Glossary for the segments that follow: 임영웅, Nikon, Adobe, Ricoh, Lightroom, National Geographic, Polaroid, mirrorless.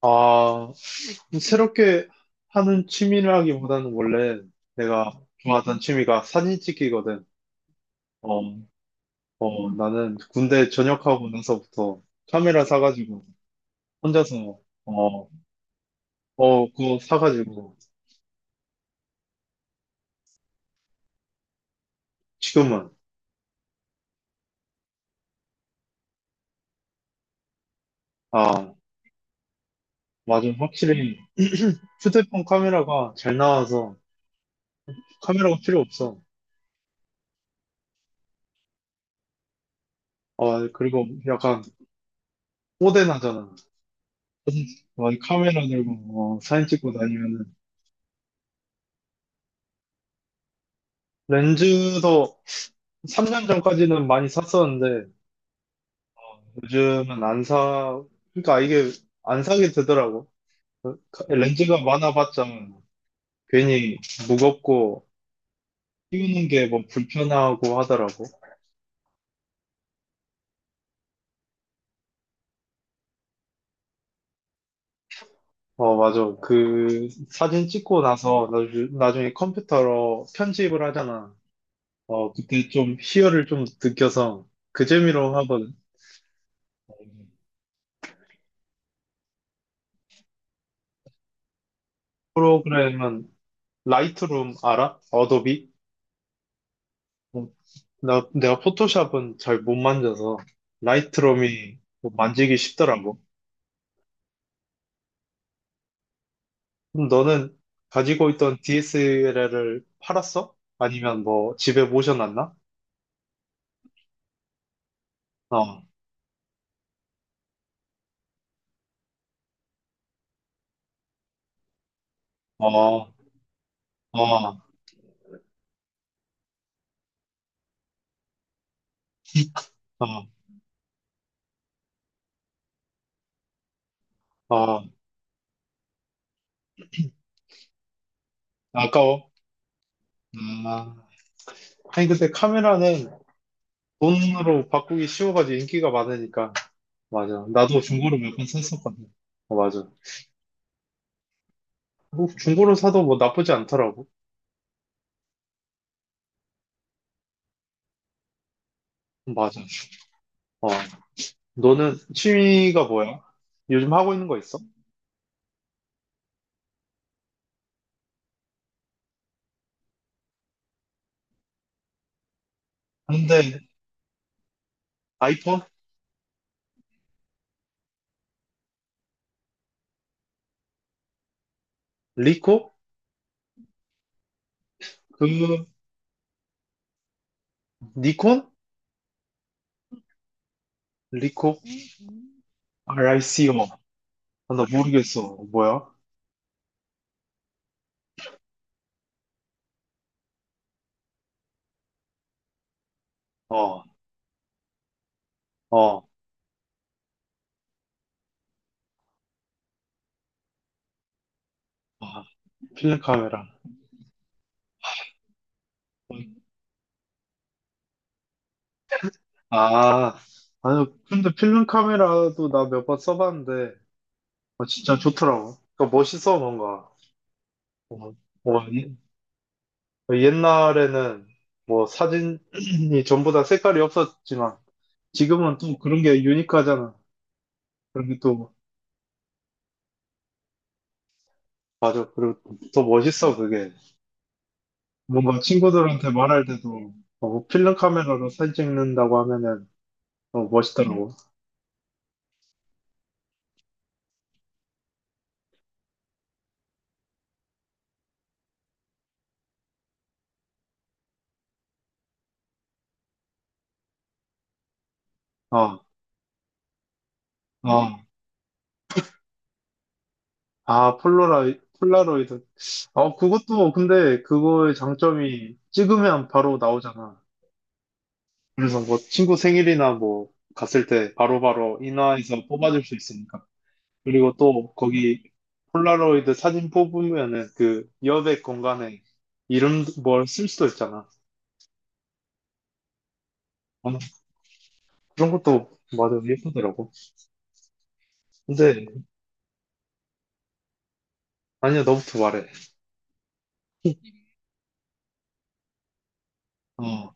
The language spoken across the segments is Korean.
아, 새롭게 하는 취미라기보다는 원래 내가 좋아하던 취미가 사진 찍기거든. 어, 어, 나는 군대 전역하고 나서부터 카메라 사가지고 혼자서 어, 어, 그거 사가지고 지금은 아, 맞아. 확실히 휴대폰 카메라가 잘 나와서 카메라가 필요 없어. 어, 그리고 약간 뽀대나잖아. 어, 이 카메라 들고 어, 사진 찍고 다니면은 렌즈도 3년 전까지는 많이 샀었는데 요즘은 안 사, 그러니까 이게 안 사게 되더라고. 그 렌즈가 많아봤자 괜히 무겁고 띄우는 게 뭐 불편하고 하더라고. 어, 맞아. 그 사진 찍고 나서 나중에 컴퓨터로 편집을 하잖아. 어, 그때 좀 희열을 좀 느껴서 그 재미로 하거든. 프로그램은 라이트룸 알아? 어도비? 어, 내가 포토샵은 잘 못 만져서 라이트룸이 뭐 만지기 쉽더라고. 그럼 너는 가지고 있던 DSLR을 팔았어? 아니면 뭐 집에 모셔놨나? 어, 어, 어, 어, 어, 아까워. 아. 아니, 근데 카메라는 돈으로 바꾸기 쉬워가지고 인기가 많으니까. 맞아. 나도 중고로 몇 번 샀었거든. 어, 맞아. 뭐 중고로 사도 뭐 나쁘지 않더라고. 맞아. 어. 너는 취미가 뭐야? 요즘 하고 있는 거 있어? 근데 아이폰? 리코? 그, 니콘? 리코? RICO. 아, 나 모르겠어. 뭐야? 어, 어, 아, 필름 카메라. 아, 아니, 근데 필름 카메라도 나 몇 번 써봤는데, 어, 진짜 좋더라고. 그러니까 멋있어, 뭔가. 어, 어, 어, 옛날에는 뭐 사진이 전부 다 색깔이 없었지만, 지금은 또 그런 게 유니크하잖아. 그런 게 또, 맞아. 그리고 더 멋있어, 그게. 뭔가 친구들한테 말할 때도, 어, 뭐 필름 카메라로 사진 찍는다고 하면은, 어, 멋있더라고. 아, 아, 아, 폴라로이드. 어, 그것도, 근데 그거의 장점이 찍으면 바로 나오잖아. 그래서 뭐 친구 생일이나 뭐 갔을 때 바로바로 인화해서 뽑아줄 수 있으니까. 그리고 또 거기 폴라로이드 사진 뽑으면은 그 여백 공간에 이름 뭘 쓸 수도 있잖아. 어, 그런 것도 맞아, 예쁘더라고. 근데, 아니야, 너부터 말해. 어,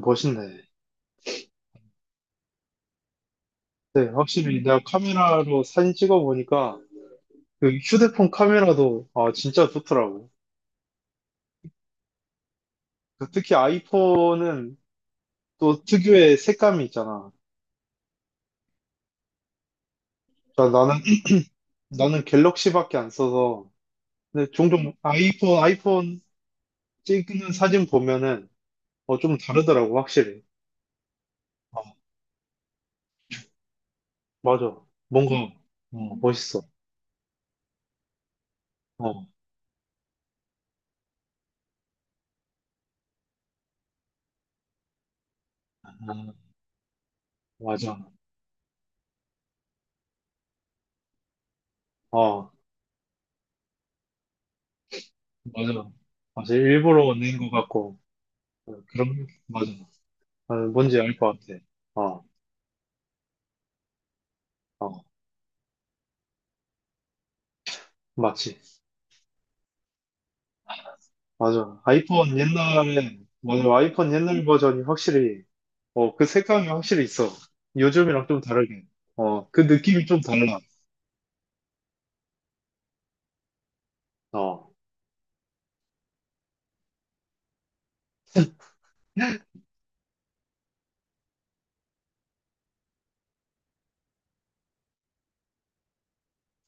멋있네. 네, 확실히 내가 카메라로 사진 찍어보니까 그 휴대폰 카메라도 아 진짜 좋더라고. 그 특히 아이폰은 또 특유의 색감이 있잖아. 자 나는 갤럭시밖에 안 써서 근데 종종 아이폰 찍는 사진 보면은 어 좀 다르더라고 확실히. 어, 맞아. 뭔가 어, 멋있어. 어, 어, 맞아. 어 맞아. 맞아 일부러 낸 것 같고 어, 그런 맞아. 아, 뭔지 알 것 같아. 어, 어, 맞지. 맞아. 아이폰 옛날에, 맞아. 아이폰 옛날 버전이 확실히, 어, 그 색감이 확실히 있어. 요즘이랑 좀 다르게. 어, 그 느낌이 좀 달라. 어.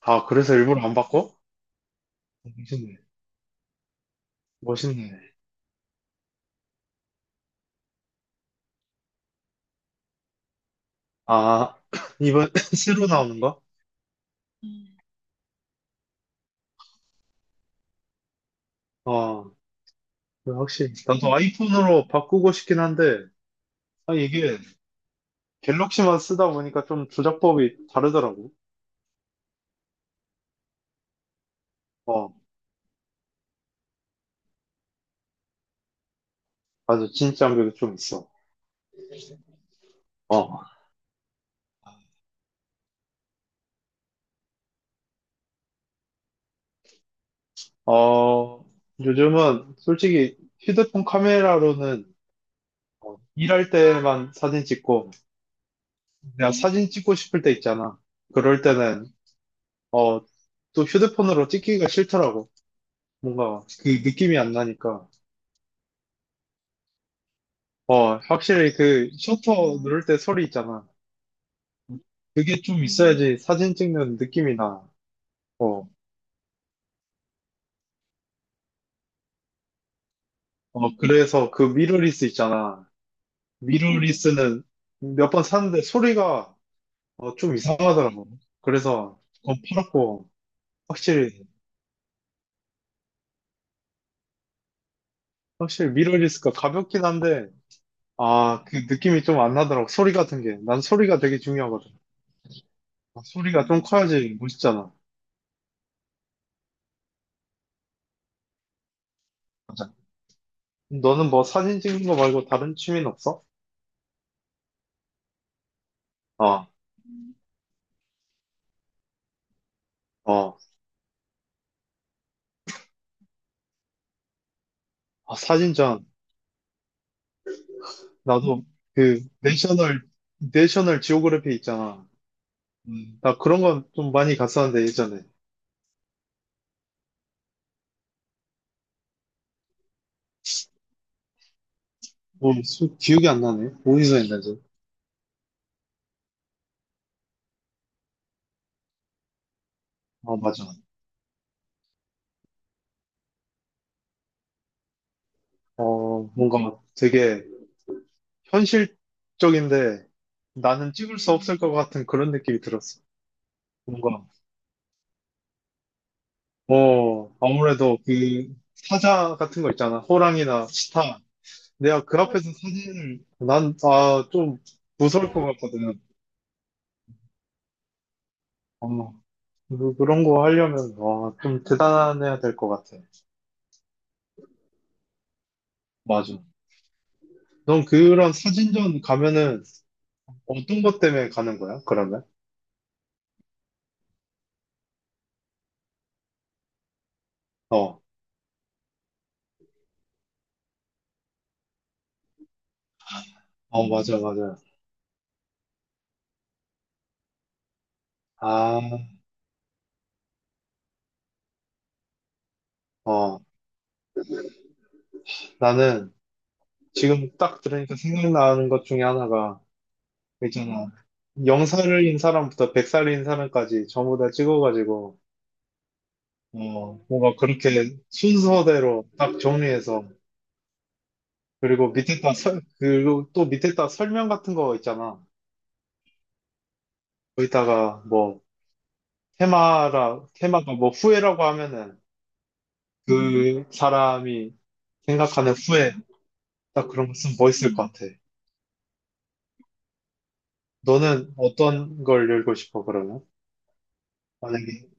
아, 그래서 일부러 안 바꿔? 멋있네. 멋있네. 아, 이번 새로 나오는 거? 음. 어, 그래, 확실히. 나도 아이폰으로 바꾸고 싶긴 한데, 아, 이게 갤럭시만 쓰다 보니까 좀 조작법이 다르더라고. 어, 맞아. 진짜 장벽도좀 있어. 어. 어, 요즘은 솔직히 휴대폰 카메라로는 어, 일할 때만 사진 찍고, 내가 사진 찍고 싶을 때 있잖아. 그럴 때는, 어, 또 휴대폰으로 찍기가 싫더라고. 뭔가 그 느낌이 안 나니까. 어, 확실히 그 셔터 누를 때 소리 있잖아. 그게 좀 있어야지 사진 찍는 느낌이 나. 어, 어, 그래서 그 미러리스 있잖아. 미러리스는 몇 번 샀는데 소리가 어, 좀 이상하더라고. 그래서 더 팔았고, 확실히, 확실히 미러리스가 가볍긴 한데, 아, 그 느낌이 좀 안 나더라고. 소리 같은 게. 난 소리가 되게 중요하거든. 아, 소리가 좀 커야지 멋있잖아. 너는 뭐 사진 찍는 거 말고 다른 취미는 없어? 아, 어. 아, 사진전. 나도 그 내셔널 지오그래피 있잖아. 나 그런 건 좀 많이 갔었는데, 예전에. 뭐, 기억이 안 나네. 어디서 했는지. 아, 맞아. 어, 뭔가 되게 현실적인데 나는 찍을 수 없을 것 같은 그런 느낌이 들었어. 뭔가, 어, 아무래도 그 사자 같은 거 있잖아. 호랑이나 치타. 내가 그 어, 앞에서 사진을, 난, 아, 좀 무서울 것 같거든. 어, 그런 거 하려면, 와, 좀 대단해야 될 것 같아. 맞아. 넌 그런 사진전 가면은 어떤 것 때문에 가는 거야, 그러면? 어, 어, 맞아, 맞아. 아, 어, 나는, 지금 딱 들으니까 생각나는 것 중에 하나가 있잖아. 0살인 사람부터 100살인 사람까지 전부 다 찍어가지고 어 뭔가 그렇게 순서대로 딱 정리해서 그리고 또 밑에다 설명 같은 거 있잖아. 거기다가 뭐 테마라 테마가 뭐 후회라고 하면은 그 사람이 생각하는 후회 딱 그런 거 쓰면 멋있을 것 같아. 너는 어떤 걸 열고 싶어 그러면? 만약에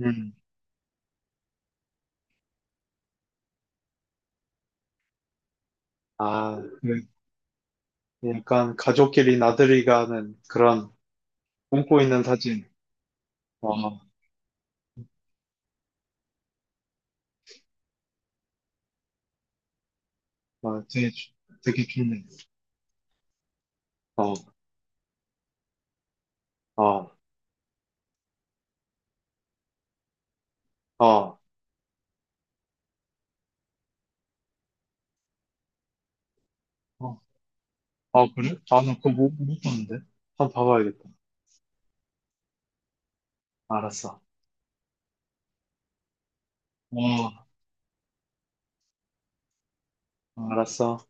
음. 아, 약간 가족끼리 나들이 가는 그런 꿈꾸 있는 사진. 어, 어, 어, 되게, 되게 좋네. 어, 어, 어, 어, 아, 그래? 아, 나 그거 못 봤는데. 한번 봐봐야겠다. 알았어. 어, 알았어.